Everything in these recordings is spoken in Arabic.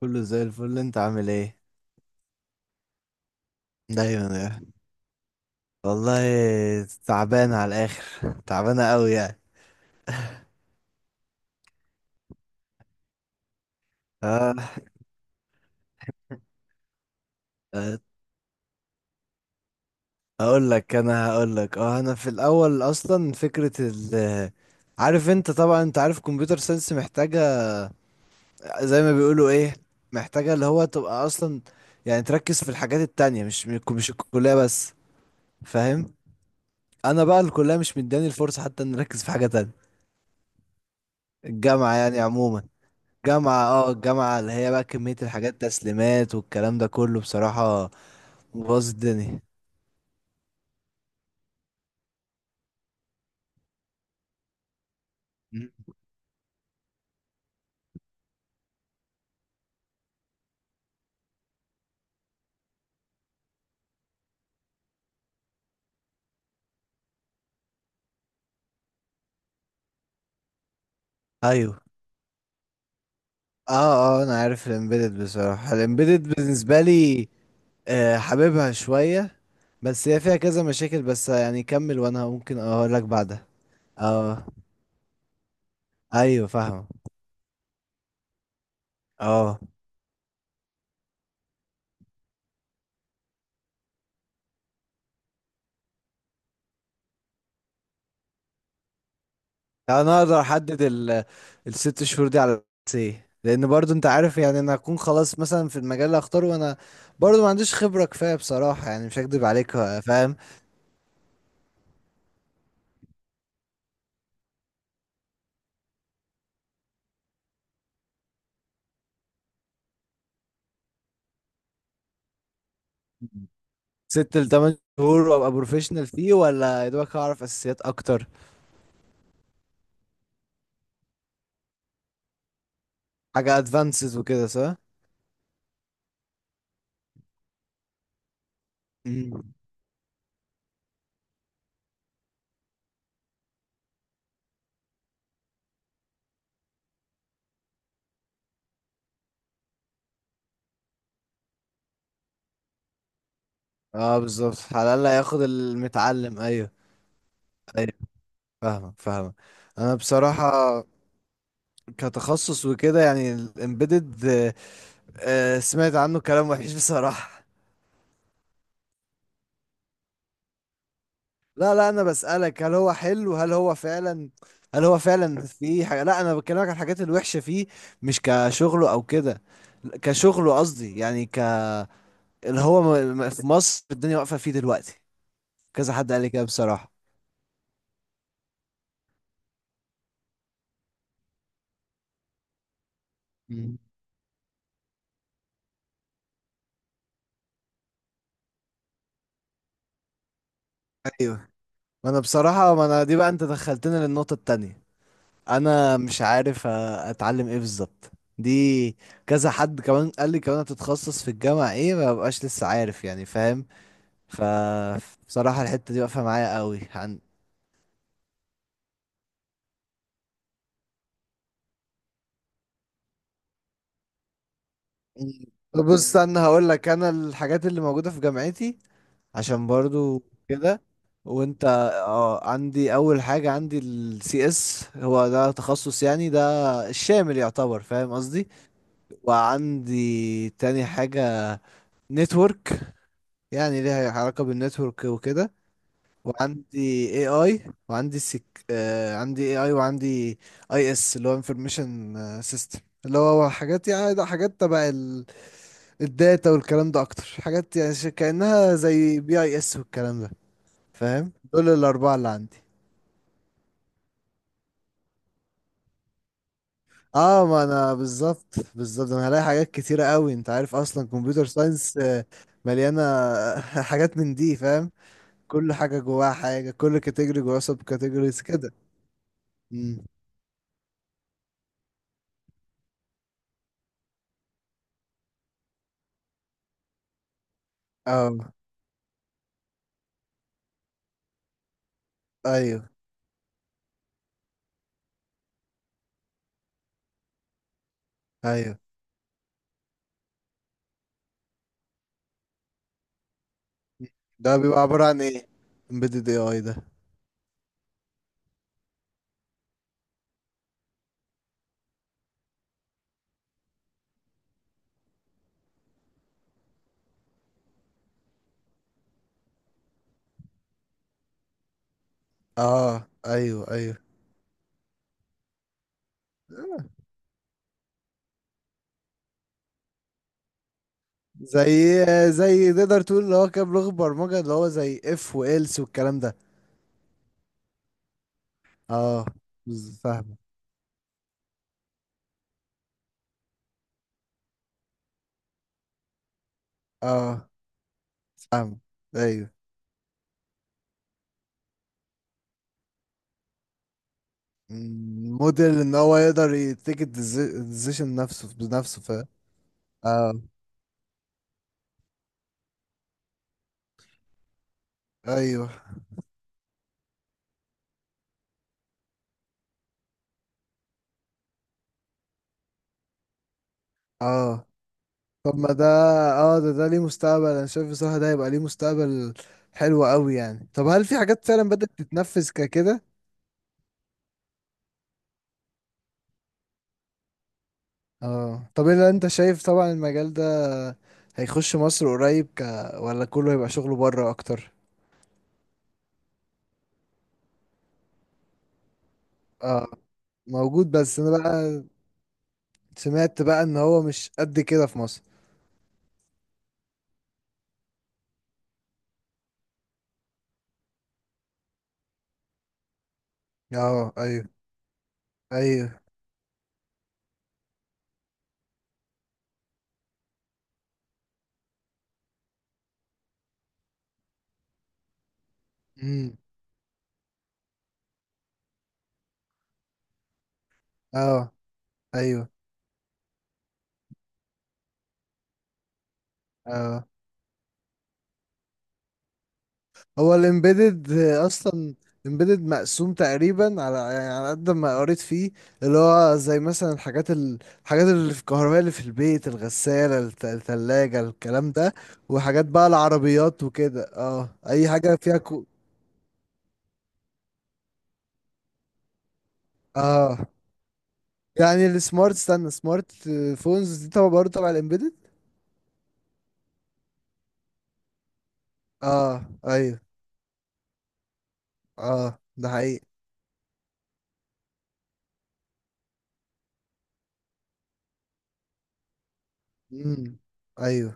كله زي الفل. انت عامل ايه؟ دايما يعني. والله، تعبان على الاخر، تعبانه قوي يعني. اه. اه، هقول لك، انا في الاول اصلا فكره عارف؟ انت طبعا انت عارف كمبيوتر ساينس محتاجه، زي ما بيقولوا ايه، محتاجه اللي هو تبقى اصلا، يعني تركز في الحاجات التانية، مش الكليه بس. فاهم؟ انا بقى الكليه مش مداني الفرصه حتى ان اركز في حاجه تانية. الجامعه يعني عموما، جامعة اه الجامعة اللي هي بقى كمية الحاجات، تسليمات والكلام ده كله بصراحة باظ الدنيا. مم. ايوه. اه انا عارف الامبيدد. بصراحة الامبيدد بالنسبة لي، آه، حاببها شوية، بس هي فيها كذا مشاكل، بس يعني كمل وانا ممكن اقول لك بعدها. اه، ايوه فاهم. اه، يعني انا اقدر احدد الست شهور دي على اساس ايه؟ لان برضو انت عارف، يعني انا هكون خلاص مثلا في المجال اللي هختاره، وانا برضو ما عنديش خبرة كفاية بصراحة، يعني مش هكدب عليك. فاهم؟ ست لتمن شهور وابقى بروفيشنال فيه، ولا يا دوبك هعرف اساسيات اكتر؟ حاجه ادفانسز وكده صح؟ مم. اه، بالظبط، على الاقل هياخد المتعلم. ايوه. ايوه، فاهمك فاهمك. انا بصراحه كتخصص وكده يعني الامبيدد، سمعت عنه كلام وحش بصراحه. لا لا، انا بسالك هل هو حلو؟ هل هو فعلا، هل هو فعلا فيه حاجه؟ لا انا بكلمك عن الحاجات الوحشه فيه، مش كشغله او كده. كشغله قصدي يعني ك، اللي هو في مصر الدنيا واقفة فيه دلوقتي. كذا حد قال لي كده بصراحة. مم. ايوه. ما انا بصراحة، ما انا دي بقى انت دخلتني للنقطة التانية. انا مش عارف اتعلم ايه بالظبط؟ دي كذا حد كمان قال لي كمان هتتخصص في الجامعة ايه، ما ببقاش لسه عارف يعني، فاهم؟ ف، بصراحة الحتة دي واقفة معايا قوي عن. بص انا هقول لك، انا الحاجات اللي موجودة في جامعتي، عشان برضو كده، وانت، اه، عندي اول حاجة، عندي السي اس، هو ده تخصص يعني ده الشامل يعتبر، فاهم قصدي؟ وعندي تاني حاجة نتورك، يعني ليها علاقة بالنتورك وكده. وعندي اي اي. وعندي سك... آه عندي اي اي وعندي اي اس اللي هو انفورميشن سيستم، اللي هو حاجات، يعني ده حاجات تبع ال- الداتا والكلام ده، اكتر حاجات، يعني كأنها زي بي اي اس والكلام ده. فاهم؟ دول الاربعه اللي عندي. اه ما انا بالظبط بالظبط، انا هلاقي حاجات كتيره قوي، انت عارف اصلا كمبيوتر ساينس، آه، مليانه حاجات من دي، فاهم؟ كل حاجه جواها حاجه، كل كاتيجوري جواها سب كاتيجوريز كده. امم. اه ايوه ايوه. ده بيبقى عباره عن ايه؟ امبيدد اي اي ده؟ اه ايوه ايوه. آه. زي زي تقدر تقول، اللي هو كام لغه برمجه، اللي هو زي اف والس والكلام ده. اه، فاهمه. اه، فاهمه. ايوه. موديل ان هو يقدر يتيك الديسيشن نفسه بنفسه، فاهم؟ اه ايوه. اه طب ما ده، اه ده ليه مستقبل، انا شايف بصراحة ده هيبقى ليه مستقبل حلو قوي يعني. طب هل في حاجات فعلا بدأت تتنفذ ككده؟ اه. طب الا انت شايف طبعا المجال ده هيخش مصر قريب ك، ولا كله هيبقى شغله بره اكتر؟ اه موجود. بس انا بقى سمعت بقى ان هو مش قد كده في مصر. اه ايوه. ايوه. امم. اه ايوه. اه هو الامبيدد اصلا، الامبيدد مقسوم تقريبا، على يعني على قد ما قريت فيه، اللي هو زي مثلا الحاجات ال- الحاجات اللي في الكهرباء، اللي في البيت، الغسالة، التلاجة، الكلام ده، وحاجات بقى العربيات وكده، اه، اي حاجة فيها كو.... اه يعني السمارت، استنى، سمارت فونز دي طبعا برضه تبع الامبيدد. اه ايوه. اه ده حقيقي. امم. ايوه.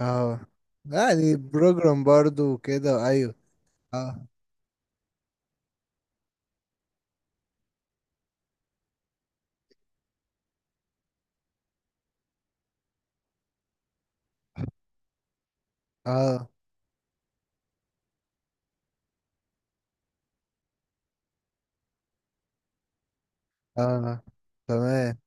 اه يعني بروجرام برضه وكده. ايوه. اه اه اه تمام.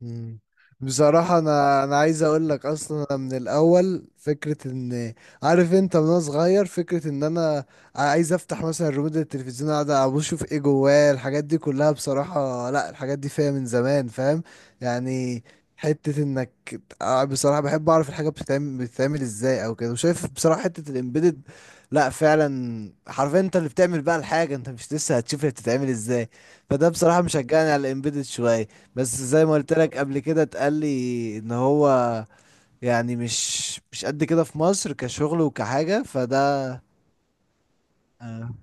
مم. بصراحة أنا عايز أقول لك، أصلا أنا من الأول فكرة إن، عارف أنت، من وأنا صغير فكرة إن أنا عايز أفتح مثلا ريموت التلفزيون، أقعد أبص أشوف إيه جواه. الحاجات دي كلها بصراحة، لأ الحاجات دي فيها من زمان، فاهم؟ يعني حتة إنك، آه، بصراحة بحب أعرف الحاجة بتتعمل إزاي أو كده. وشايف بصراحة حتة الإمبيدد، لأ فعلا حرفيا أنت اللي بتعمل بقى الحاجة، أنت مش لسه هتشوف هي بتتعمل إزاي. فده بصراحة مشجعني على الإمبيدد شوية. بس زي ما قلت لك قبل كده، اتقال لي ان هو، يعني مش قد كده في مصر كشغل وكحاجة، فده. اه.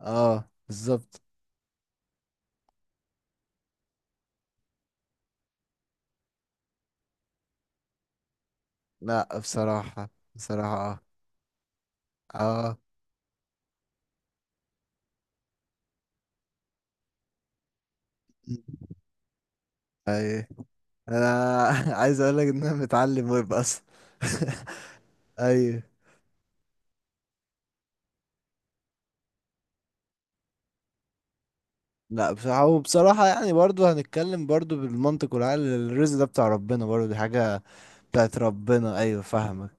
آه، بالظبط. لا بصراحة. بصراحة اه. اه اي. انا عايز اقول لك ان انا متعلم ويب اصلا. اي. لا بصراحة، وبصراحة يعني برضو هنتكلم برضو بالمنطق والعقل، الرزق ده بتاع ربنا، برضو دي حاجة بتاعت ربنا. ايوه فاهمك.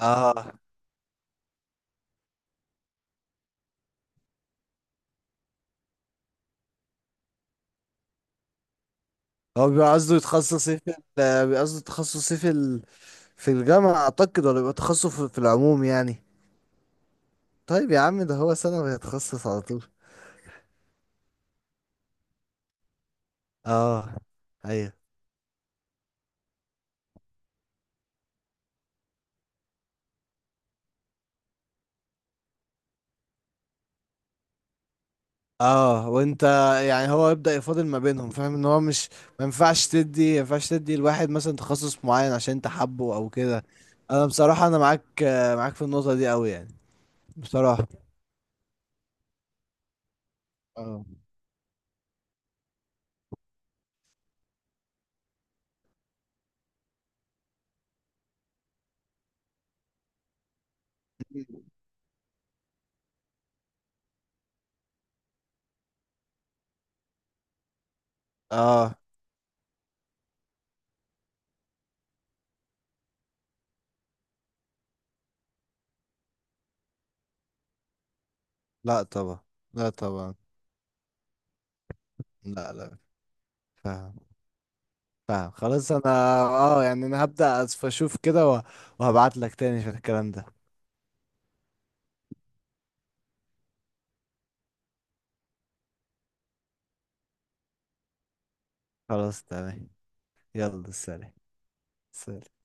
اه هو بيبقى قصده يتخصص ايه في ال-، بيبقى قصده تخصص ايه في ال... في الجامعة اعتقد، ولا بيبقى تخصص في العموم يعني؟ طيب يا عم ده هو سنة ويتخصص على طول. اه ايوه. اه وانت، يعني هو يبدأ يفاضل ما بينهم، فاهم ان هو مش ما ينفعش تدي، الواحد مثلا تخصص معين عشان انت حابه او كده. انا بصراحة انا معاك، آه، معاك في النقطة دي قوي يعني. بصراحة. اه. اه. لا طبعا. لا طبعا. لا لا. فاهم. فاهم خلاص. انا، اه، يعني انا هبدأ اشوف كده، وهبعت لك تاني في الكلام ده. خلاص تمام. يلا سلام. سلام.